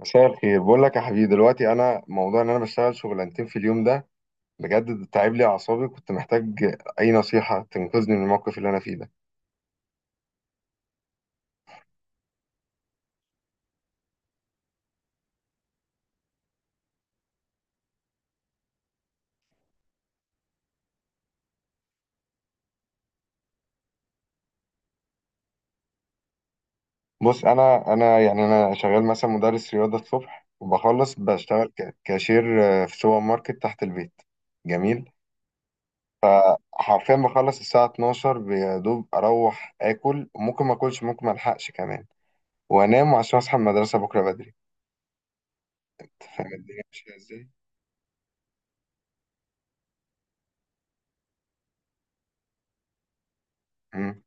مساء الخير، بقول لك يا حبيبي دلوقتي، انا موضوع ان انا بشتغل شغلانتين في اليوم ده. بجد تعب لي اعصابي، كنت محتاج اي نصيحه تنقذني من الموقف اللي انا فيه ده. بص، انا يعني انا شغال مثلا مدرس رياضه الصبح، وبخلص بشتغل كاشير في سوبر ماركت تحت البيت. جميل. حرفيا بخلص الساعه 12، يا دوب اروح اكل، ممكن ما اكلش، ممكن ما الحقش كمان، وانام عشان اصحى المدرسه بكره بدري. أنت فاهم الدنيا ماشيه ازاي؟ مم.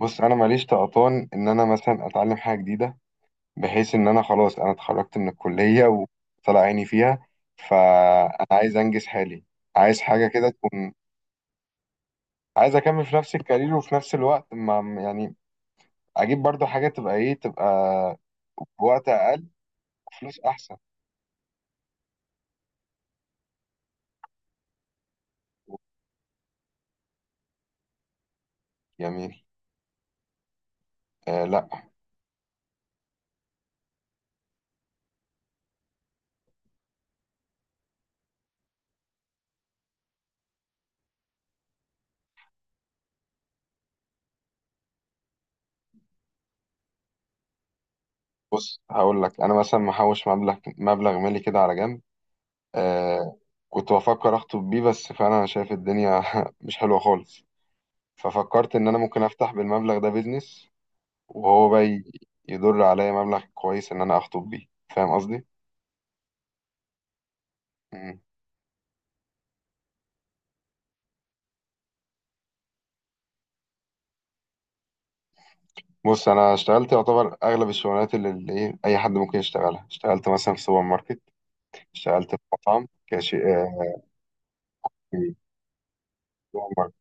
بص، انا ماليش طقطان ان انا مثلا اتعلم حاجه جديده، بحيث ان انا خلاص انا اتخرجت من الكلية وطلع عيني فيها، فانا عايز انجز حالي. عايز حاجة كده تكون. عايز اكمل في نفس الكارير وفي نفس الوقت ما يعني اجيب برضو حاجة، تبقى ايه؟ تبقى بوقت اقل، فلوس احسن. جميل. آه. لا، بص هقول لك، انا مثلا محوش مبلغ مالي كده على جنب. آه. كنت بفكر اخطب بيه، بس فعلا انا شايف الدنيا مش حلوة خالص. ففكرت ان انا ممكن افتح بالمبلغ ده بيزنس، وهو بقى يدر عليا مبلغ كويس ان انا اخطب بيه. فاهم قصدي؟ مم. بص، انا اشتغلت يعتبر اغلب الشغلانات اللي ايه اي حد ممكن يشتغلها. اشتغلت مثلا في سوبر ماركت. اشتغلت في مطعم كاشير، في سوبر ماركت.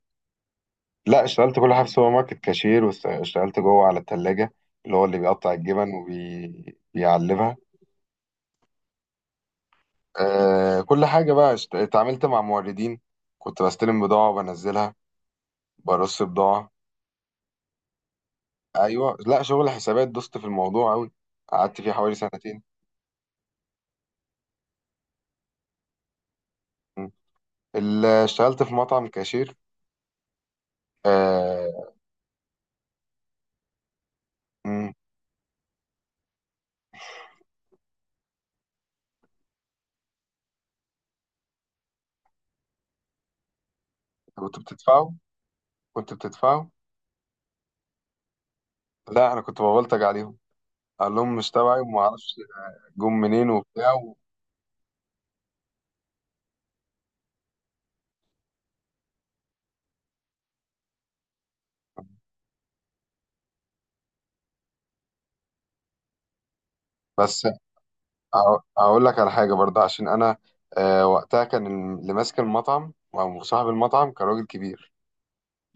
لا، اشتغلت كل حاجه في سوبر ماركت، كاشير، واشتغلت جوه على الثلاجه اللي هو اللي بيقطع الجبن وبيعلبها. آه، كل حاجه بقى، اتعاملت مع موردين، كنت بستلم بضاعه وبنزلها، برص بضاعه. ايوه، لا، شغل حسابات، دوست في الموضوع قوي، قعدت فيه حوالي سنتين. مم. اللي اشتغلت في مطعم كاشير، آه. مم. كنت بتدفعوا كنت بتدفعوا؟ لا، انا كنت ببلطج عليهم، قال لهم مش تبعي وما اعرفش جم منين وبتاع و... بس هقول لك على حاجه برضه، عشان انا، وقتها كان اللي ماسك المطعم او صاحب المطعم كان راجل كبير.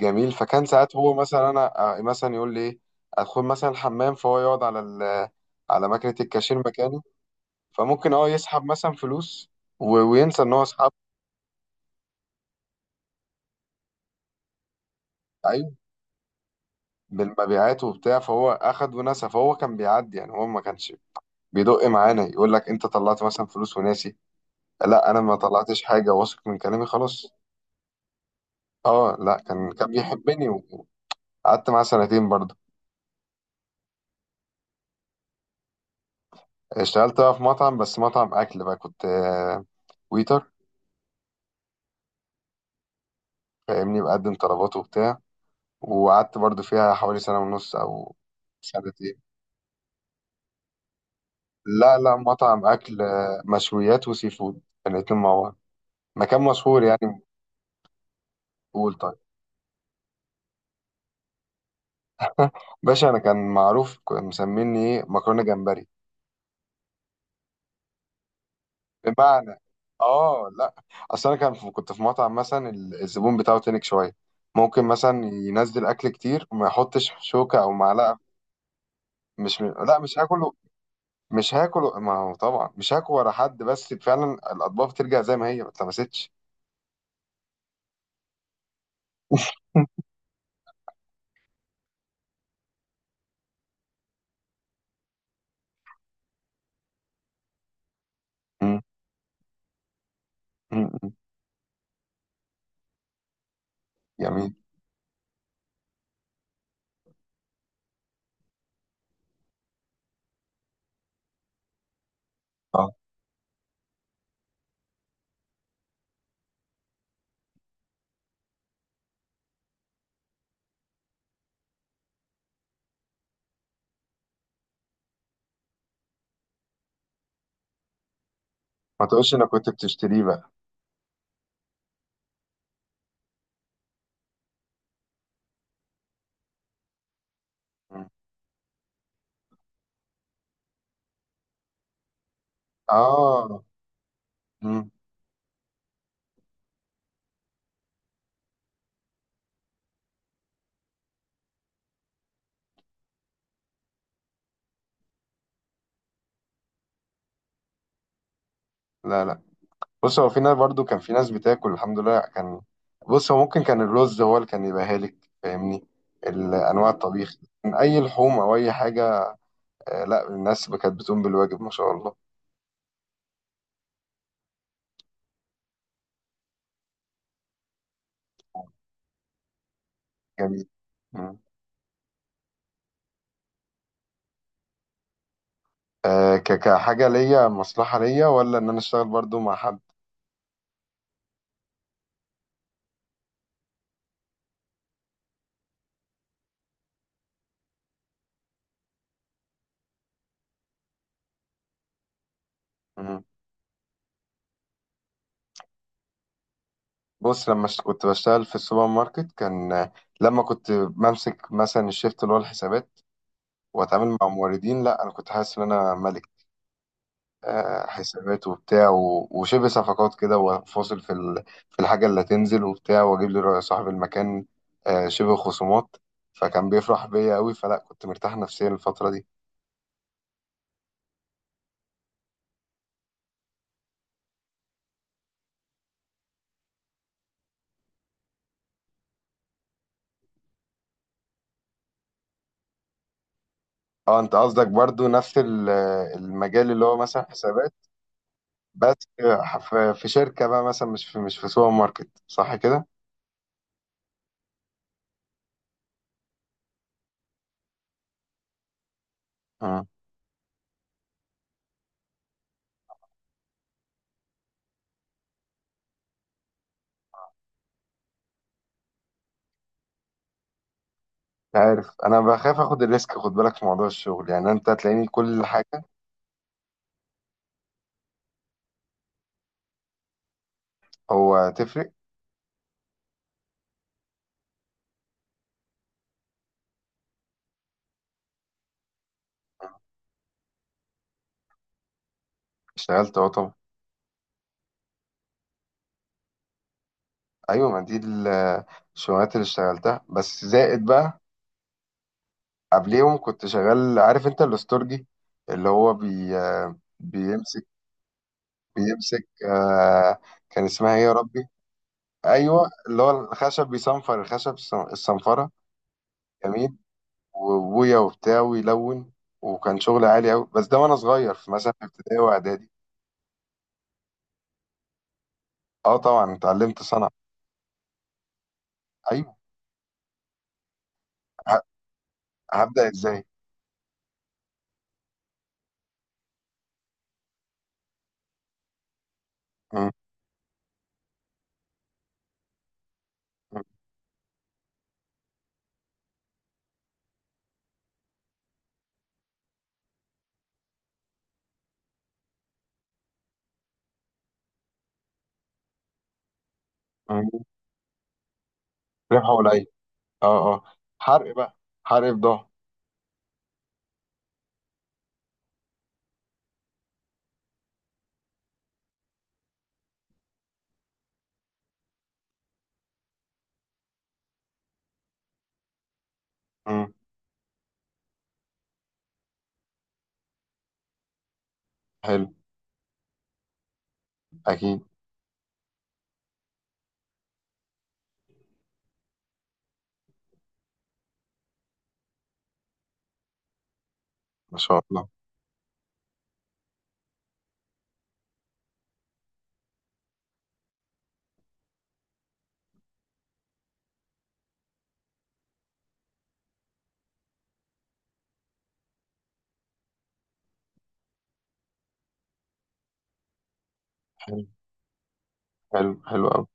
جميل، فكان ساعات هو مثلا انا آه، مثلا يقول لي ايه، ادخل مثلا الحمام، فهو يقعد على ماكينه الكاشير مكاني، فممكن يسحب مثلا فلوس وينسى ان هو سحب. لعيب بالمبيعات وبتاع، فهو اخد ونسى، فهو كان بيعدي، يعني هو ما كانش بيدق معانا يقول لك انت طلعت مثلا فلوس وناسي. لا، انا ما طلعتش حاجه، واثق من كلامي خلاص. اه، لا، كان بيحبني، وقعدت معاه سنتين برضه. اشتغلت بقى في مطعم، بس مطعم اكل بقى، كنت ويتر، فاهمني، بقدم طلبات وبتاع، وقعدت برضه فيها حوالي سنه ونص او سنتين. لا لا، مطعم أكل، مشويات وسي فود، الاتنين مع بعض، مكان مشهور يعني. قول طيب. باشا، أنا كان معروف، مسميني إيه، مكرونة جمبري. بمعنى، آه لا، أصل أنا كان في كنت في مطعم مثلا، الزبون بتاعه تنك شوية، ممكن مثلا ينزل أكل كتير وما يحطش شوكة أو معلقة. مش لا مش هاكله مش هاكله ما هو طبعا مش هاكل ورا حد، بس فعلا الأطباق بترجع زي ما هي ما اتلمستش. مم. مم. جميل. اه. ما تقولش انك كنت بتشتريه بقى. مم. اه. مم. لا لا، بص هو في ناس، برضو كان في ناس بتاكل الحمد لله، كان. بص هو ممكن كان الرز هو اللي كان يبقى هالك، فاهمني، الانواع الطبيخ من اي لحوم او اي حاجه. آه لا، الناس كانت بتقوم بالواجب ما شاء الله. جميل. مم. آه، كحاجه ليا مصلحه، ليا ولا ان انا اشتغل برضو مع حد؟ مم. بص، لما كنت بشتغل في السوبر ماركت كان، لما كنت بمسك مثلا الشيفت اللي هو الحسابات واتعامل مع موردين، لا، انا كنت حاسس ان انا ملك، حسابات وبتاع، وشبه صفقات كده، وفاصل في الحاجة اللي هتنزل وبتاع، واجيب لي رأي صاحب المكان، شبه خصومات، فكان بيفرح بيا قوي، فلا كنت مرتاح نفسيا الفترة دي. اه، انت قصدك برضو نفس المجال اللي هو مثلا حسابات، بس في شركة بقى مثلا، مش في سوبر ماركت، صح كده؟ مم. مش عارف، انا بخاف اخد الريسك، خد بالك في موضوع الشغل، يعني انت هتلاقيني كل حاجة. هو تفرق. اشتغلت، اه طبعا. ايوه، ما دي الشغلات اللي اشتغلتها بس زائد بقى، قبليهم كنت شغال، عارف انت الاستورجي اللي هو بي بيمسك بيمسك آه كان اسمها ايه يا ربي؟ ايوه، اللي هو الخشب، بيصنفر الخشب، الصنفره. جميل. وابويا وبتاع ويلون، وكان شغل عالي قوي، بس ده وانا صغير، مثلا في ابتدائي واعدادي. اه طبعا، اتعلمت صنعه. ايوه. ه- هبدا ازاي؟ م- م- م- ربح ولا ايه؟ اه اه. حرق بقى، حرق بضاعه. حلو. اكيد. ما شاء الله. حلو. حلو. حلو قوي.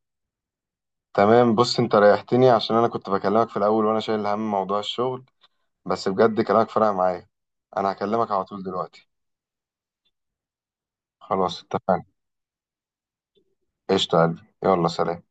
تمام. بص، انت ريحتني عشان انا كنت بكلمك في الاول وانا شايل هم موضوع الشغل، بس بجد كلامك فرق معايا، انا هكلمك على طول دلوقتي. خلاص اتفقنا. قشطة يا قلبي، يلا سلام.